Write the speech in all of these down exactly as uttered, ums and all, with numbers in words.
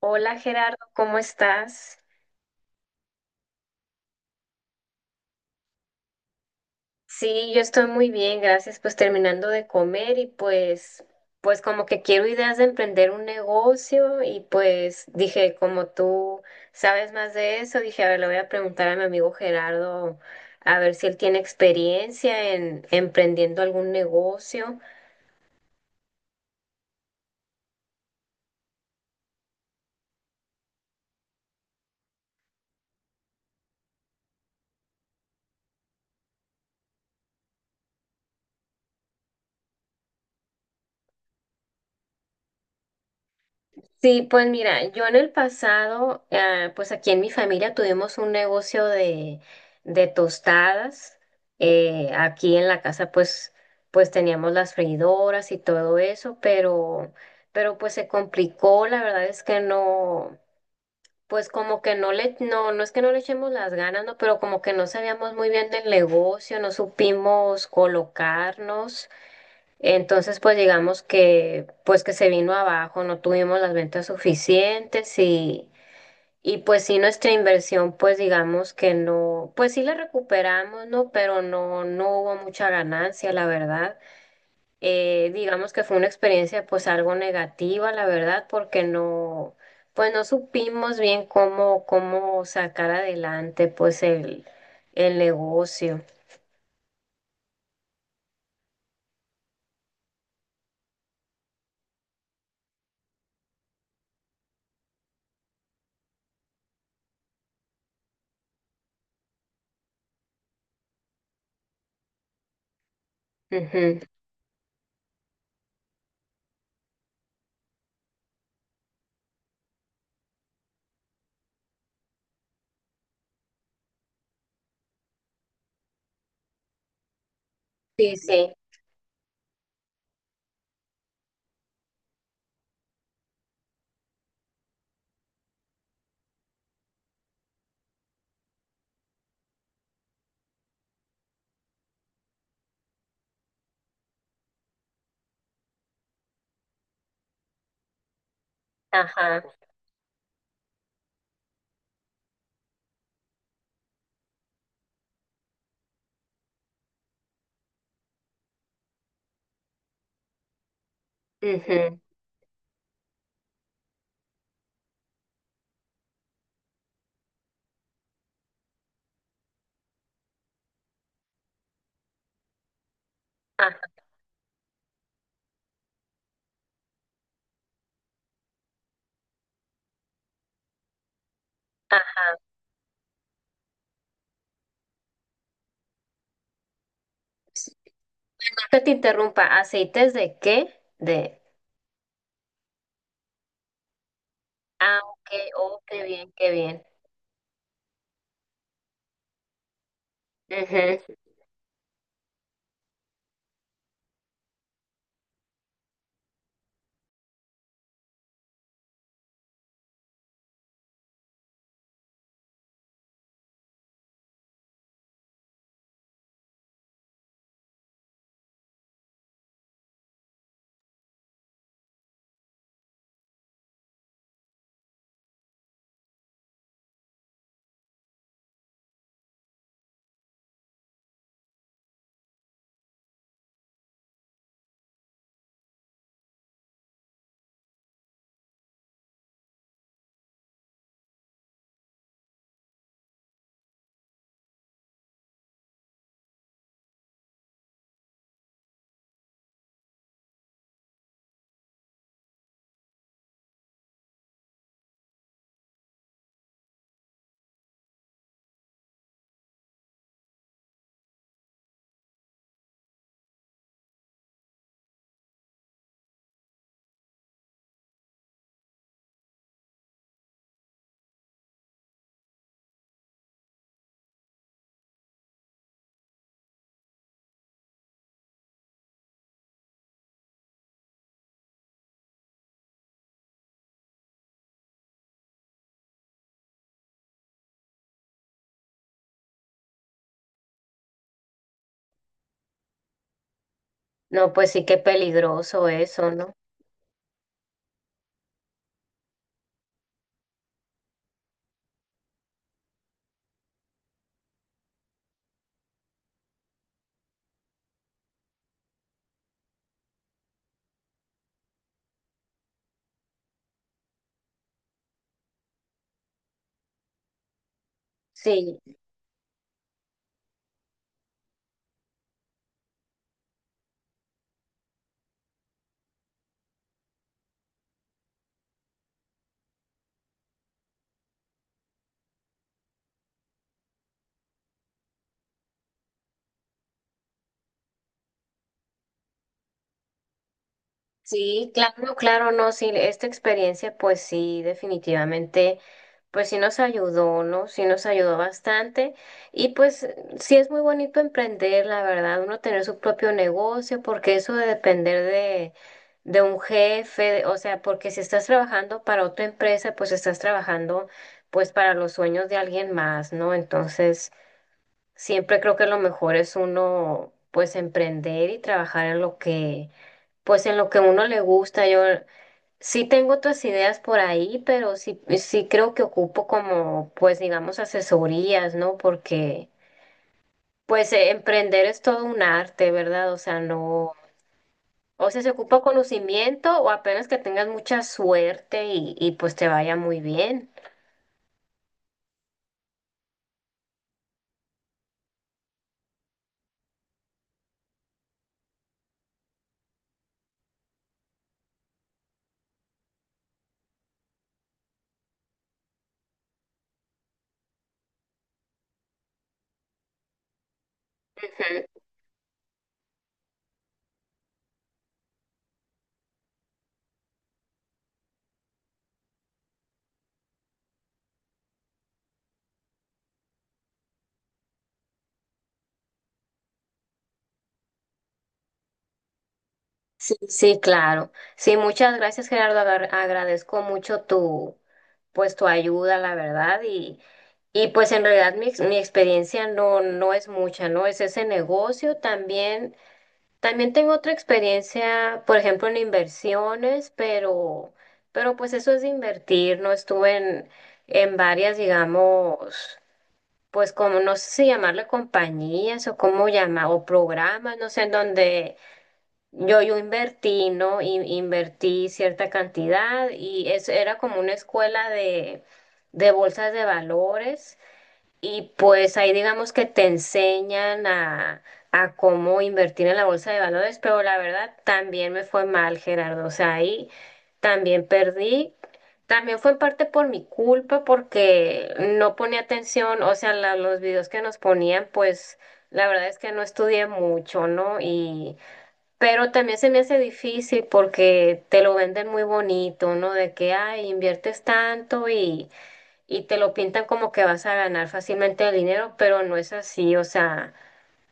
Hola Gerardo, ¿cómo estás? Sí, yo estoy muy bien, gracias. Pues terminando de comer y pues, pues como que quiero ideas de emprender un negocio y pues dije, como tú sabes más de eso, dije, a ver, le voy a preguntar a mi amigo Gerardo a ver si él tiene experiencia en emprendiendo algún negocio. Sí, pues mira, yo en el pasado, ah, pues aquí en mi familia tuvimos un negocio de, de tostadas. Eh, aquí en la casa, pues, pues teníamos las freidoras y todo eso, pero, pero pues se complicó. La verdad es que no, pues como que no le, no, no es que no le echemos las ganas, no, pero como que no sabíamos muy bien del negocio, no supimos colocarnos. Entonces, pues digamos que pues que se vino abajo, no tuvimos las ventas suficientes y, y pues sí nuestra inversión, pues digamos que no, pues sí la recuperamos, ¿no? Pero no, no hubo mucha ganancia, la verdad. Eh, digamos que fue una experiencia pues algo negativa, la verdad, porque no, pues no supimos bien cómo, cómo sacar adelante pues el, el negocio. Ujú. Sí, sí, ajá, ujú, ajá. Que te interrumpa, ¿aceites de qué? De... Ah, ok, oh, qué bien, qué bien. Ujú. No, pues sí, qué peligroso eso, ¿no? Sí, sí, claro, claro, no, sí, esta experiencia, pues sí, definitivamente. Pues sí nos ayudó, ¿no? Sí nos ayudó bastante. Y pues sí es muy bonito emprender, la verdad, uno tener su propio negocio, porque eso de depender de, de un jefe, de- o sea, porque si estás trabajando para otra empresa, pues estás trabajando pues para los sueños de alguien más, ¿no? Entonces, siempre creo que lo mejor es uno pues emprender y trabajar en lo que, pues en lo que uno le gusta. Yo sí tengo otras ideas por ahí, pero sí, sí creo que ocupo como, pues digamos, asesorías, ¿no? Porque, pues, eh, emprender es todo un arte, ¿verdad? O sea, no, o sea, se ocupa conocimiento o apenas que tengas mucha suerte y, y pues te vaya muy bien. Ujú. Sí, sí, claro. Sí, muchas gracias, Gerardo. Agar- agradezco mucho tu, pues, tu ayuda, la verdad, y... Y pues en realidad mi, ex- mi experiencia no, no es mucha, ¿no? Es ese negocio también. También tengo otra experiencia, por ejemplo, en inversiones, pero, pero pues eso es de invertir, no estuve en, en varias, digamos, pues como no sé si llamarle compañías o cómo llama, o programas, no sé, en donde yo, yo invertí, ¿no? In- invertí cierta cantidad y es, era como una escuela de, de bolsas de valores. Y pues ahí digamos que te enseñan a, a cómo invertir en la bolsa de valores, pero la verdad también me fue mal, Gerardo. O sea, ahí también perdí. También fue en parte por mi culpa porque no ponía atención, o sea, la- los videos que nos ponían, pues la verdad es que no estudié mucho, ¿no? Y pero también se me hace difícil porque te lo venden muy bonito, ¿no? De que, ay, inviertes tanto y y te lo pintan como que vas a ganar fácilmente el dinero, pero no es así, o sea,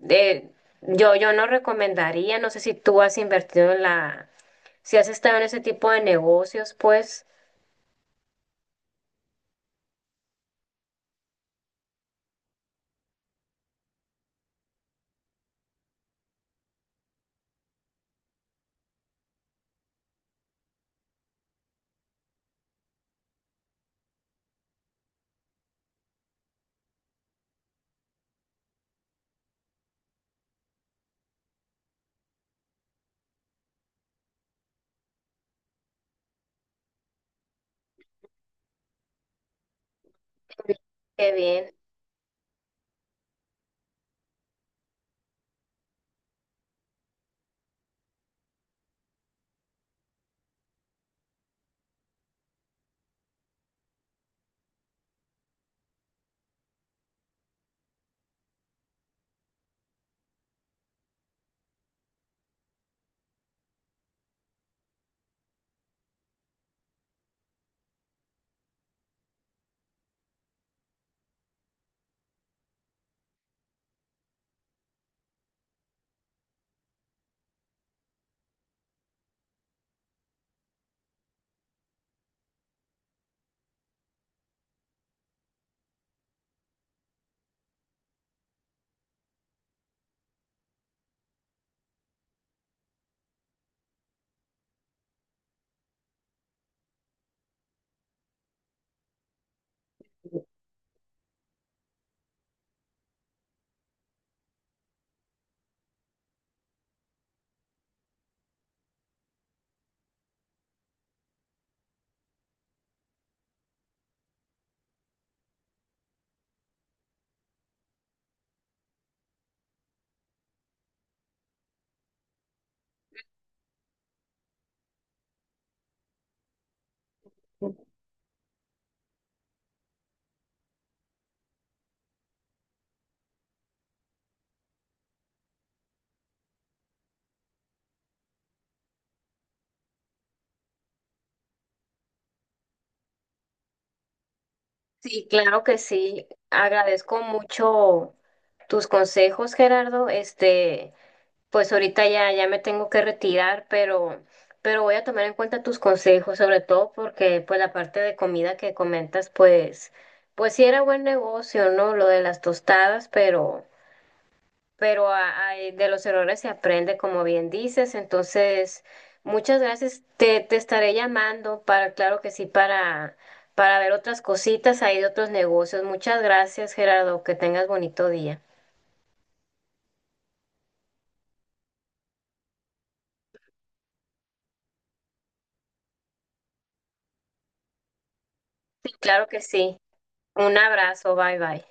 de, yo, yo no recomendaría, no sé si tú has invertido en la, si has estado en ese tipo de negocios, pues, qué bien. Sí, claro que sí, agradezco mucho tus consejos, Gerardo, este, pues ahorita ya, ya me tengo que retirar, pero, pero voy a tomar en cuenta tus consejos, sobre todo porque pues la parte de comida que comentas, pues, pues sí era buen negocio, ¿no? Lo de las tostadas, pero, pero a- a- de los errores se aprende, como bien dices. Entonces, muchas gracias. Te, te estaré llamando para, claro que sí, para, para ver otras cositas ahí de otros negocios. Muchas gracias, Gerardo. Que tengas bonito día. Claro que sí. Un abrazo. Bye bye.